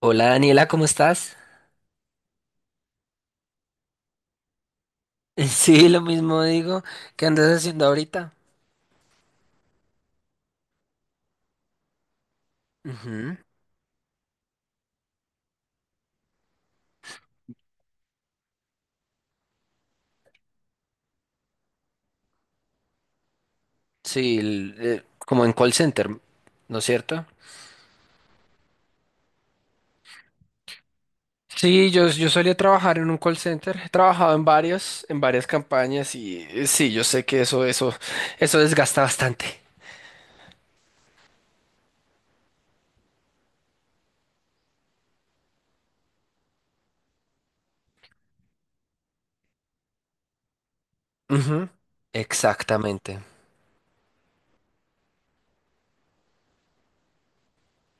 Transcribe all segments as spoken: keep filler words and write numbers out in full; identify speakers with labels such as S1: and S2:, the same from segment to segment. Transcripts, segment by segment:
S1: Hola Daniela, ¿cómo estás? Sí, lo mismo digo. ¿Qué andas haciendo ahorita? Ujú. Sí, el- eh, como en call center, ¿no es cierto? Sí, yo, yo solía trabajar en un call center. He trabajado en varios, en varias campañas y eh, sí, yo sé que eso, eso, eso desgasta bastante. Ujú. Exactamente.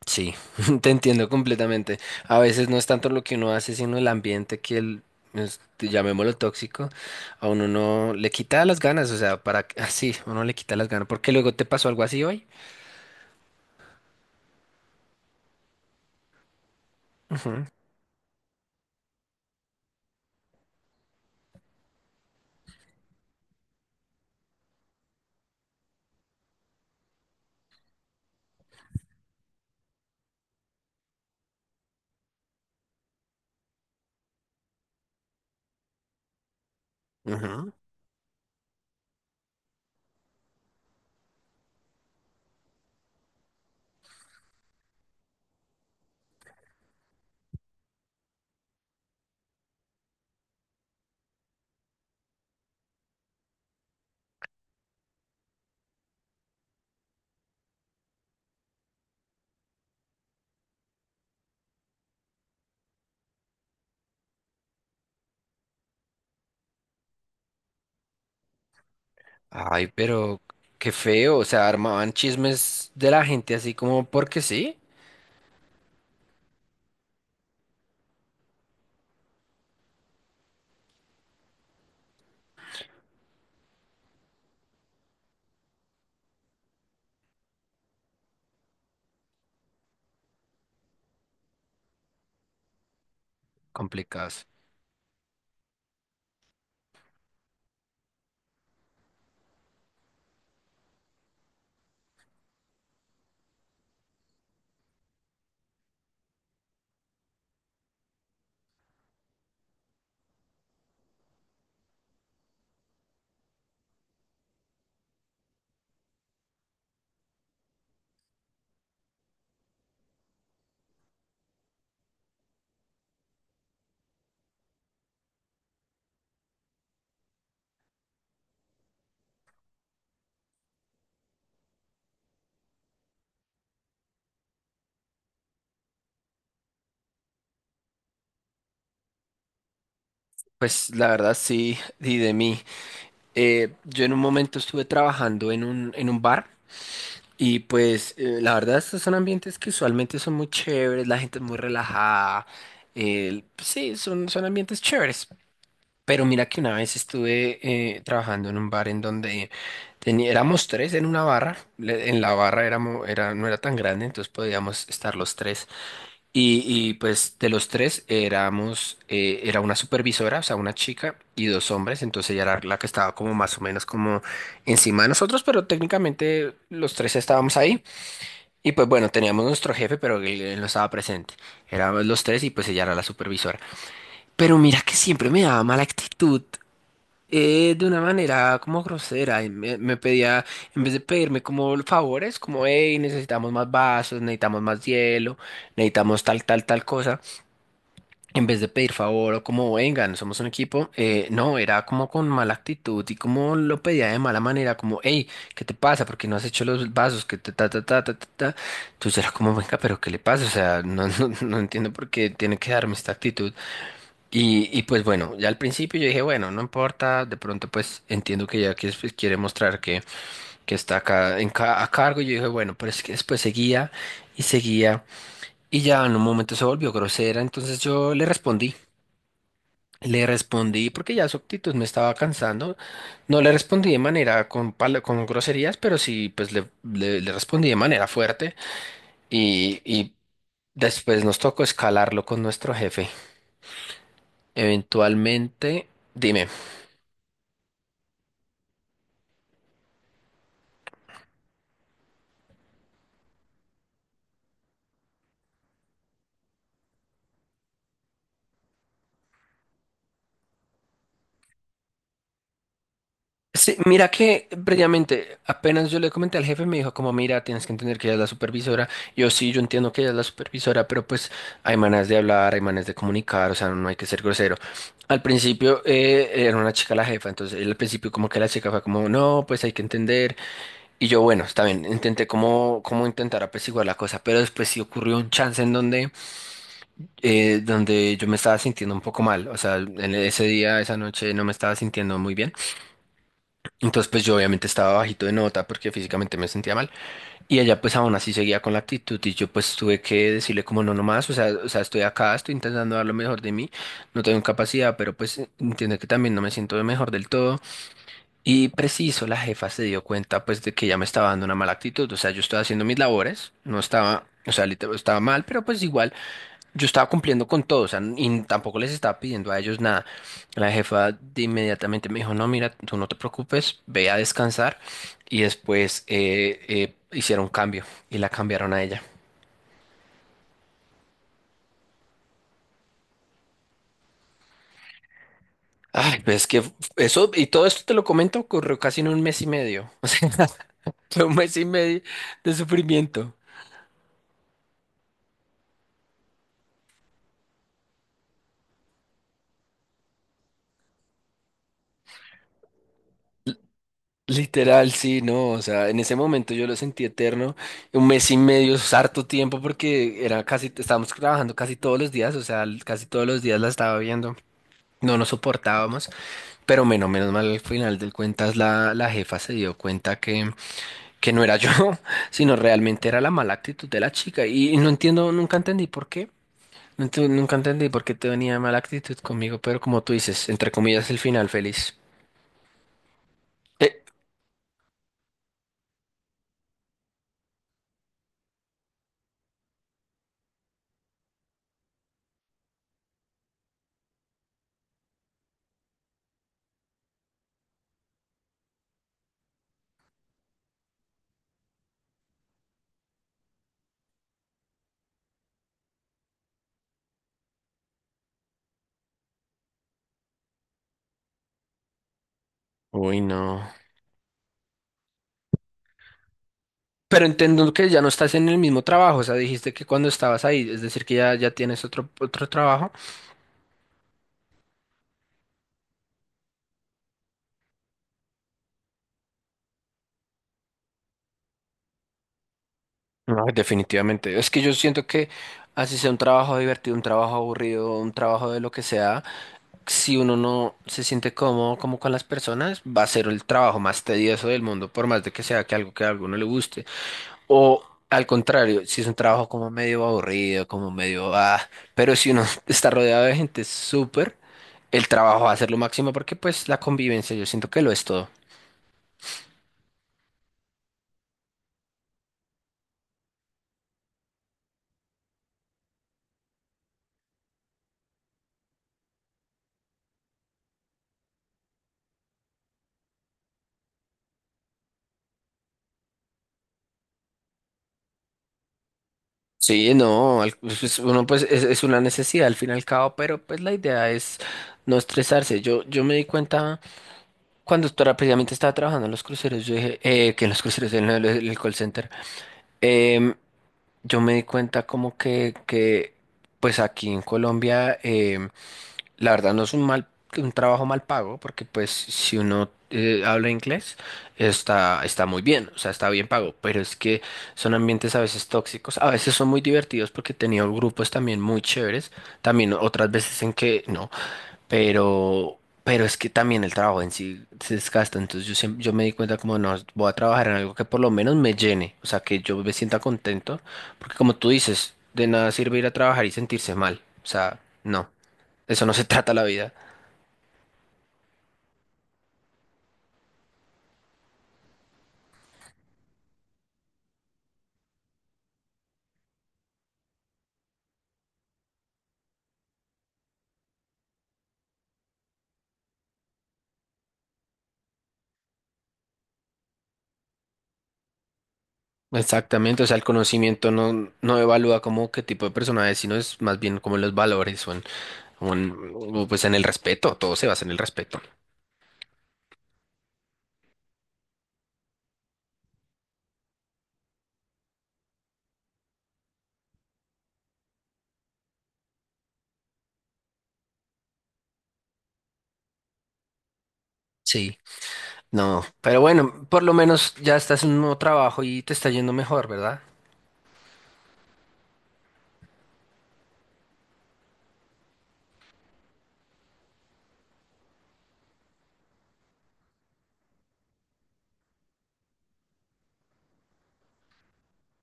S1: Sí, te entiendo completamente. A veces no es tanto lo que uno hace, sino el ambiente que el, es- llamémoslo tóxico, a uno no le quita las ganas, o sea, para que- así, uno le quita las ganas, porque luego te pasó algo así hoy. Ujú, ujú. Ay, pero qué feo, o sea, armaban chismes de la gente así como porque sí, complicados. Pues la verdad sí, y de mí. Eh, yo en un momento estuve trabajando en un, en un bar. Y pues eh, la verdad estos son ambientes que usualmente son muy chéveres, la gente es muy relajada, eh, sí, son, son ambientes chéveres. Pero mira que una vez estuve eh, trabajando en un bar en donde teni- éramos tres en una barra, le- en la barra éramos, era, no era tan grande, entonces podíamos estar los tres. Y, y, pues de los tres éramos, eh, era una supervisora, o sea, una chica y dos hombres, entonces ella era la que estaba como más o menos como encima de nosotros, pero técnicamente los tres estábamos ahí. Y pues bueno, teníamos nuestro jefe, pero él, él no estaba presente. Éramos los tres y pues ella era la supervisora. Pero mira que siempre me daba mala actitud, eh, de una manera como grosera. Y me, me pedía, en vez de pedirme como favores, como, hey, necesitamos más vasos, necesitamos más hielo, necesitamos tal, tal, tal cosa en vez de pedir favor o como vengan, somos un equipo, eh, no, era como con mala actitud y como lo pedía de mala manera, como, hey, ¿qué te pasa? ¿Por qué no has hecho los vasos? Que ta, ta, ta, ta, ta, ta. Ta. Entonces era como, venga, pero ¿qué le pasa? O sea, no, no, no entiendo por qué tiene que darme esta actitud. Y, y pues bueno, ya al principio yo dije, bueno, no importa, de pronto pues entiendo que ya que pues, quiere mostrar que, que está acá en ca- a cargo, y yo dije, bueno, pero es que después seguía y seguía y ya en un momento se volvió grosera, entonces yo le respondí. Le respondí porque ya su actitud me estaba cansando. No le respondí de manera con, pala- con groserías, pero sí, pues le, le- le respondí de manera fuerte y, y después nos tocó escalarlo con nuestro jefe. Eventualmente, dime. Sí, mira que previamente, apenas yo le comenté al jefe, me dijo como, mira, tienes que entender que ella es la supervisora. Yo sí, yo entiendo que ella es la supervisora, pero pues hay maneras de hablar, hay maneras de comunicar, o sea, no hay que ser grosero. Al principio eh, era una chica la jefa, entonces él al principio como que la chica fue como, no, pues hay que entender. Y yo, bueno, está bien, intenté como, como intentar apaciguar la cosa, pero después sí ocurrió un chance en donde, eh, donde yo me estaba sintiendo un poco mal, o sea, en ese día, esa noche no me estaba sintiendo muy bien. Entonces, pues yo obviamente estaba bajito de nota porque físicamente me sentía mal. Y ella pues aún así seguía con la actitud y yo pues tuve que decirle como no, no más, o sea, o sea, estoy acá, estoy intentando dar lo mejor de mí, no tengo capacidad, pero pues entiende que también no me siento mejor del todo. Y preciso, la jefa se dio cuenta pues de que ya me estaba dando una mala actitud, o sea, yo estaba haciendo mis labores, no estaba, o sea, literal, estaba mal, pero pues igual. Yo estaba cumpliendo con todo, o sea, y tampoco les estaba pidiendo a ellos nada. La jefa de inmediatamente me dijo, no, mira, tú no te preocupes, ve a descansar. Y después eh, eh, hicieron cambio y la cambiaron a ella. Ay, pues que eso, y todo esto te lo comento, ocurrió casi en un mes y medio. O sea, fue un mes y medio de sufrimiento. Literal, sí, no, o sea, en ese momento yo lo sentí eterno, un mes y medio, es harto tiempo porque era casi, estábamos trabajando casi todos los días, o sea, l- casi todos los días la estaba viendo, no nos soportábamos, pero menos, menos mal al final del cuentas la, la jefa se dio cuenta que, que no era yo, sino realmente era la mala actitud de la chica y, y no entiendo, nunca entendí por qué, no ent- nunca entendí por qué te venía mala actitud conmigo, pero como tú dices, entre comillas, el final feliz. Eh, Uy, no. Pero entiendo que ya no estás en el mismo trabajo, o sea, dijiste que cuando estabas ahí, es decir, que ya, ya tienes otro, otro trabajo. No, definitivamente. Es que yo siento que así sea un trabajo divertido, un trabajo aburrido, un trabajo de lo que sea, si uno no se siente cómodo como con las personas, va a ser el trabajo más tedioso del mundo, por más de que sea que algo que a alguno le guste. O al contrario, si es un trabajo como medio aburrido, como medio ah, pero si uno está rodeado de gente súper, el trabajo va a ser lo máximo porque pues la convivencia yo siento que lo es todo. Sí, no, al- pues, pues, uno pues es, es una necesidad al fin y al cabo, pero pues la idea es no estresarse. Yo, yo me di cuenta cuando estaba- precisamente estaba trabajando en los cruceros, yo dije, eh, que en los cruceros, en el, el call center, em, yo me di cuenta como que, que pues aquí en Colombia em, la verdad no es un mal, un trabajo mal pago, porque pues si uno eh, habla inglés, está, está muy bien, o sea, está bien pago, pero es que son ambientes a veces tóxicos, a veces son muy divertidos porque he tenido grupos también muy chéveres, también otras veces en que no, pero, pero es que también el trabajo en sí se desgasta, entonces yo, siem- yo me di cuenta como no, voy a trabajar en algo que por lo menos me llene, o sea, que yo me sienta contento, porque como tú dices, de nada sirve ir a trabajar y sentirse mal, o sea, no de eso no se trata la vida. Exactamente, o sea, el conocimiento no, no evalúa como qué tipo de persona es, sino es más bien como en los valores o en, o en- o pues en el respeto, todo se basa en el respeto. Sí, no, pero bueno, por lo menos ya estás en un nuevo trabajo y te está yendo mejor, ¿verdad?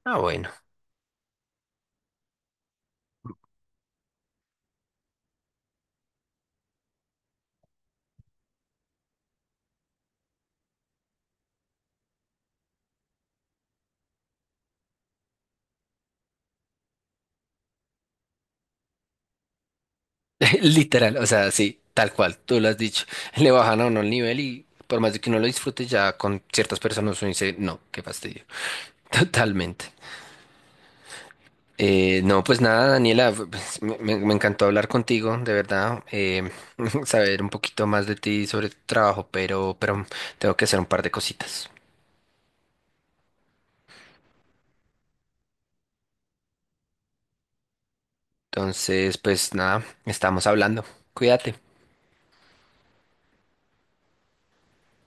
S1: Ah, bueno, literal, o sea, sí, tal cual, tú lo has dicho, le bajan a uno el nivel y por más de que uno lo disfrute, ya con ciertas personas uno dice, no, qué fastidio, totalmente. Eh, no, pues nada, Daniela, pues, me, me- me encantó hablar contigo, de verdad, eh, saber un poquito más de ti sobre tu trabajo, pero, pero tengo que hacer un par de cositas. Entonces, pues nada, estamos hablando. Cuídate.